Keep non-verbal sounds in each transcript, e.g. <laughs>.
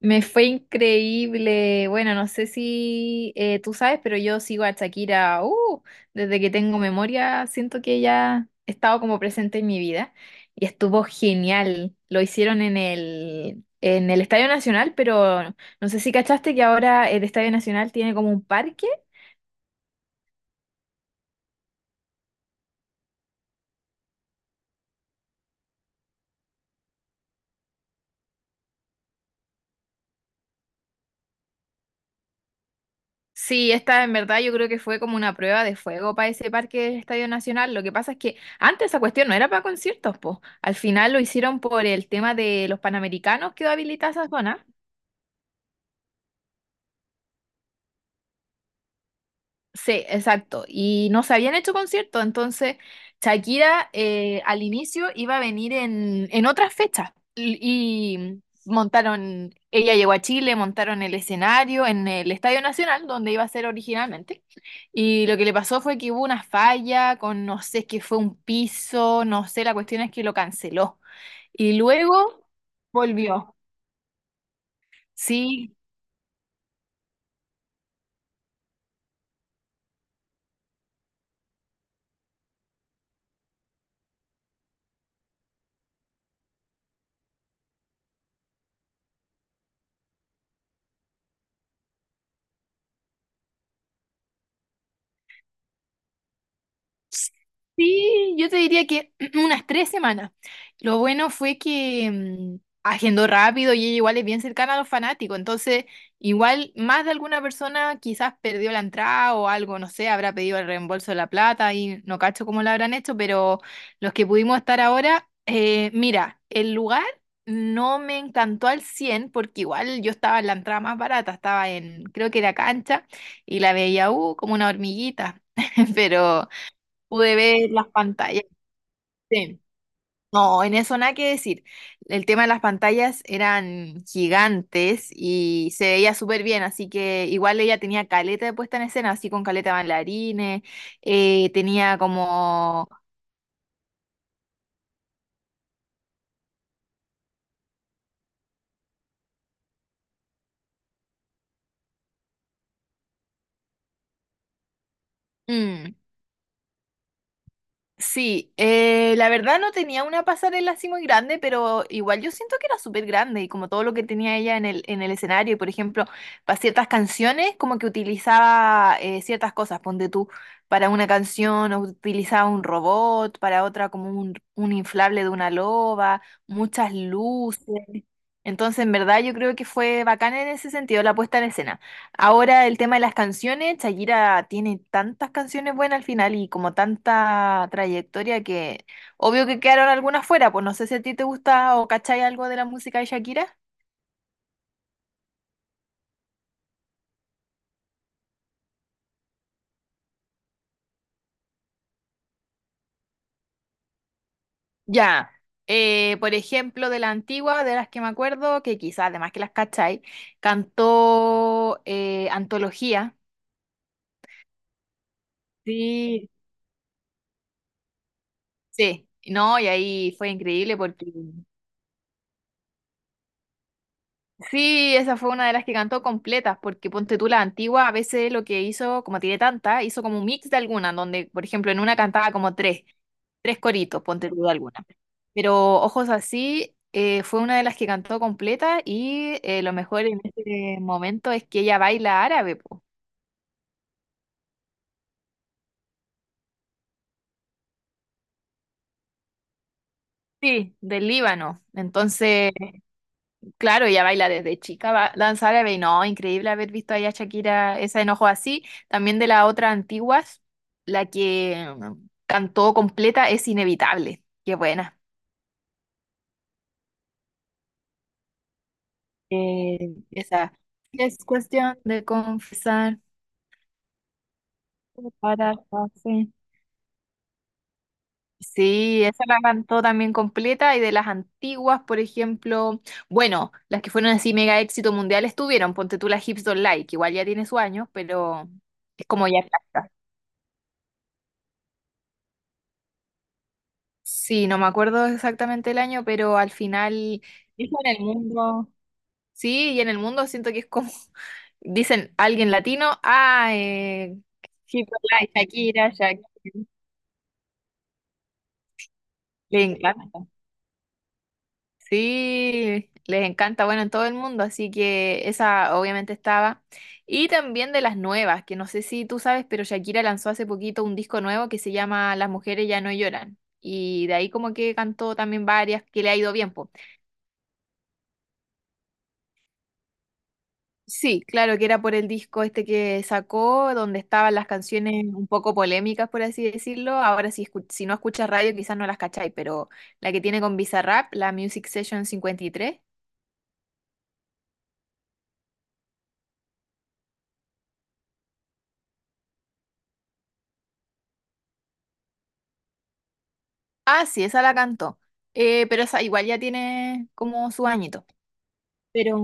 Me fue increíble. Bueno, no sé si tú sabes, pero yo sigo a Shakira, desde que tengo memoria, siento que ella ha estado como presente en mi vida y estuvo genial. Lo hicieron en el Estadio Nacional, pero no sé si cachaste que ahora el Estadio Nacional tiene como un parque. Sí, esta en verdad yo creo que fue como una prueba de fuego para ese parque del Estadio Nacional. Lo que pasa es que antes esa cuestión no era para conciertos, po. Al final lo hicieron por el tema de los Panamericanos, quedó habilitada esa zona. Sí, exacto. Y no se habían hecho conciertos, entonces Shakira al inicio iba a venir en otras fechas. Montaron, ella llegó a Chile, montaron el escenario en el Estadio Nacional, donde iba a ser originalmente. Y lo que le pasó fue que hubo una falla con, no sé, es que fue un piso, no sé, la cuestión es que lo canceló. Y luego volvió. Sí, sí, yo te diría que <clears throat> unas tres semanas. Lo bueno fue que agendó rápido y ella igual es bien cercana a los fanáticos, entonces igual más de alguna persona quizás perdió la entrada o algo, no sé, habrá pedido el reembolso de la plata y no cacho cómo lo habrán hecho, pero los que pudimos estar ahora, mira, el lugar no me encantó al 100 porque igual yo estaba en la entrada más barata, estaba en, creo que era cancha y la veía, como una hormiguita, <laughs> pero... Pude ver las pantallas. Sí. No, en eso nada que decir. El tema de las pantallas eran gigantes y se veía súper bien, así que igual ella tenía caleta de puesta en escena, así con caleta de bailarines, tenía como... mm, Sí, la verdad no tenía una pasarela así muy grande, pero igual yo siento que era súper grande y como todo lo que tenía ella en el escenario, y por ejemplo, para ciertas canciones como que utilizaba ciertas cosas, ponte tú, para una canción o utilizaba un robot, para otra como un inflable de una loba, muchas luces. Entonces, en verdad yo creo que fue bacán en ese sentido la puesta en escena. Ahora el tema de las canciones, Shakira tiene tantas canciones buenas al final y como tanta trayectoria que obvio que quedaron algunas fuera, pues no sé si a ti te gusta o cachai algo de la música de Shakira. Ya, por ejemplo, de la antigua, de las que me acuerdo, que quizás además que las cachai, cantó Antología. Sí. Sí, no, y ahí fue increíble porque sí, esa fue una de las que cantó completas, porque ponte tú la antigua, a veces lo que hizo, como tiene tanta, hizo como un mix de alguna, donde, por ejemplo, en una cantaba como tres, tres coritos, ponte tú de alguna. Pero Ojos Así fue una de las que cantó completa y lo mejor en este momento es que ella baila árabe, po. Sí, del Líbano. Entonces, claro, ella baila desde chica, danza árabe, y no, increíble haber visto ahí a Shakira esa enojo así. También de las otras antiguas, la que cantó completa es inevitable. Qué buena. Eh, esa es cuestión de confesar para hacer. Sí, esa la cantó también completa y de las antiguas, por ejemplo, bueno, las que fueron así mega éxito mundial estuvieron, ponte tú la Hips Don't Lie, que igual ya tiene su año, pero es como ya, sí, no me acuerdo exactamente el año, pero al final, dijo en el mundo, sí, y en el mundo siento que es como, <laughs> dicen alguien latino, ah, Hit by Light, Shakira, Shakira, les encanta, sí, les encanta, bueno, en todo el mundo, así que esa obviamente estaba. Y también de las nuevas, que no sé si tú sabes, pero Shakira lanzó hace poquito un disco nuevo que se llama Las mujeres ya no lloran, y de ahí como que cantó también varias que le ha ido bien, po. Sí, claro, que era por el disco este que sacó, donde estaban las canciones un poco polémicas, por así decirlo. Ahora, si, si no escuchas radio, quizás no las cacháis, pero la que tiene con Bizarrap, la Music Session 53. Ah, sí, esa la cantó. Pero esa igual ya tiene como su añito. Pero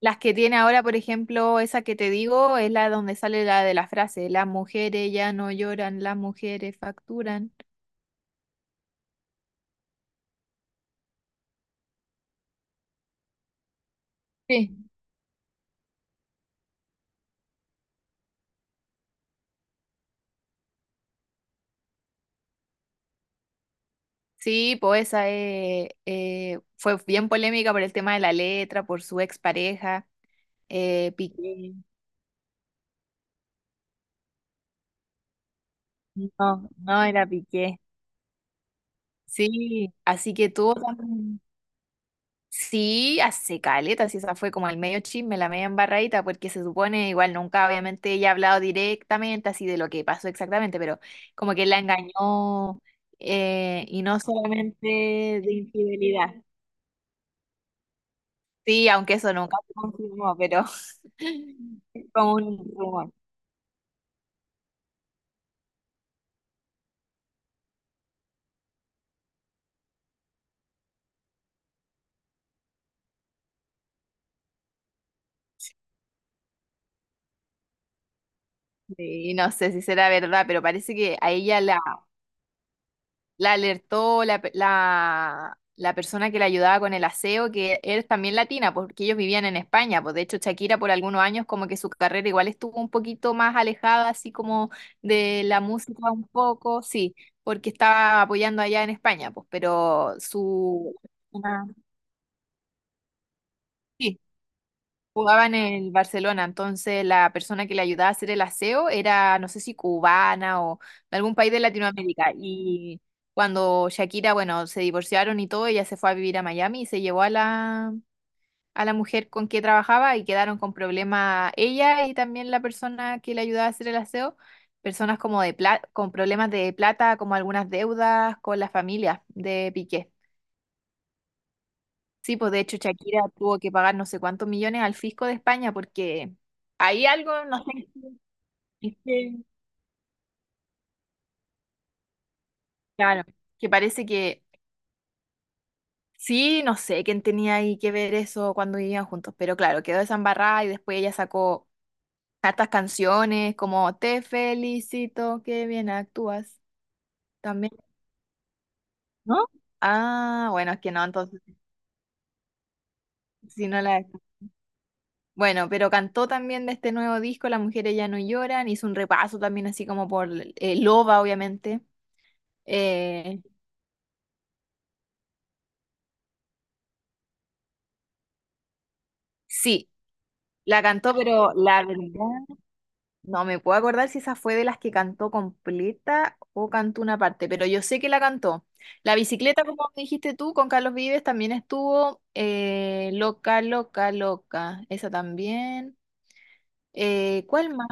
las que tiene ahora, por ejemplo, esa que te digo, es la donde sale la de la frase, las mujeres ya no lloran, las mujeres facturan. Sí. Sí, pues esa fue bien polémica por el tema de la letra, por su expareja, Piqué. No, no era Piqué. Sí, así que tuvo también. Sí, hace caleta, sí, esa fue como el medio chisme, la media embarradita, porque se supone, igual nunca obviamente ella ha hablado directamente así de lo que pasó exactamente, pero como que la engañó y no solamente de infidelidad. Sí, aunque eso nunca se confirmó, pero <laughs> es como un rumor. Sí, no sé si será verdad, pero parece que a ella la alertó la persona que la ayudaba con el aseo, que es también latina, porque ellos vivían en España. Pues de hecho, Shakira por algunos años como que su carrera igual estuvo un poquito más alejada, así como de la música un poco, sí, porque estaba apoyando allá en España, pues, pero su... Ah, sí, jugaba en el Barcelona, entonces la persona que le ayudaba a hacer el aseo era, no sé si cubana o de algún país de Latinoamérica. Y cuando Shakira, bueno, se divorciaron y todo, ella se fue a vivir a Miami y se llevó a a la mujer con que trabajaba y quedaron con problemas ella y también la persona que le ayudaba a hacer el aseo, personas como de con problemas de plata, como algunas deudas con la familia de Piqué. Sí, pues de hecho Shakira tuvo que pagar no sé cuántos millones al fisco de España porque hay algo, no sé, es claro, que parece que sí, no sé quién tenía ahí que ver eso cuando vivían juntos, pero claro, quedó desambarrada y después ella sacó hartas canciones como Te felicito, qué bien actúas también, ¿no? Ah, bueno, es que no, entonces si no la... Bueno, pero cantó también de este nuevo disco, Las mujeres ya no lloran, hizo un repaso también así como por Loba, obviamente. Eh, sí, la cantó, pero la verdad no me puedo acordar si esa fue de las que cantó completa o cantó una parte, pero yo sé que la cantó. La bicicleta, como dijiste tú, con Carlos Vives también estuvo loca, loca, loca. Esa también. ¿Cuál más?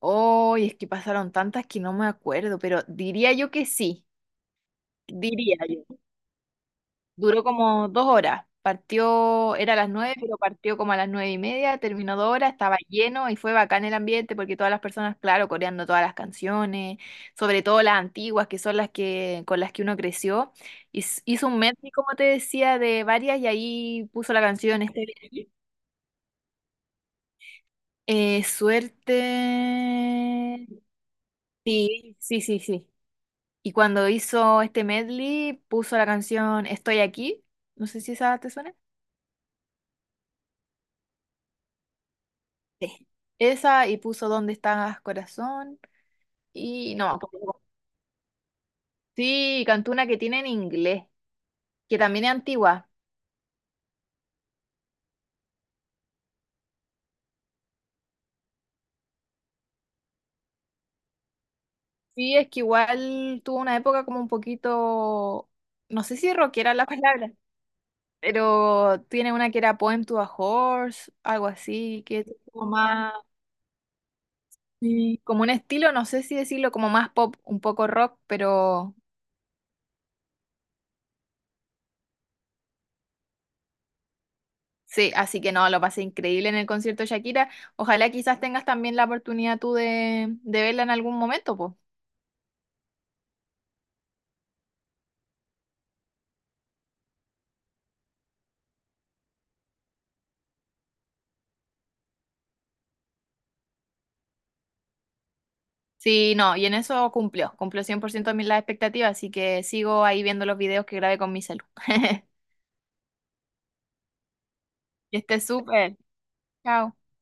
Hoy es que pasaron tantas que no me acuerdo, pero diría yo que sí. Diría yo. Duró como dos horas. Partió, era a las nueve, pero partió como a las nueve y media, terminó dos horas, estaba lleno y fue bacán el ambiente porque todas las personas, claro, coreando todas las canciones, sobre todo las antiguas, que son las que, con las que uno creció. Hizo un medley, como te decía, de varias y ahí puso la canción este suerte. Sí, sí, sí, sí. Y cuando hizo este medley, puso la canción Estoy aquí. No sé si esa te suena. Sí. Esa y puso ¿Dónde estás, corazón? Y no, sí, cantó una que tiene en inglés, que también es antigua. Sí, es que igual tuvo una época como un poquito, no sé si rockera la palabra, pero tiene una que era Poem to a Horse, algo así, que es como más, sí, como un estilo, no sé si decirlo, como más pop, un poco rock, pero sí, así que no, lo pasé increíble en el concierto de Shakira. Ojalá quizás tengas también la oportunidad tú de verla en algún momento, pues. Sí, no, y en eso cumplió, cumplió 100% de las expectativas, así que sigo ahí viendo los videos que grabé con mi celu. <laughs> Que estés súper. Chao.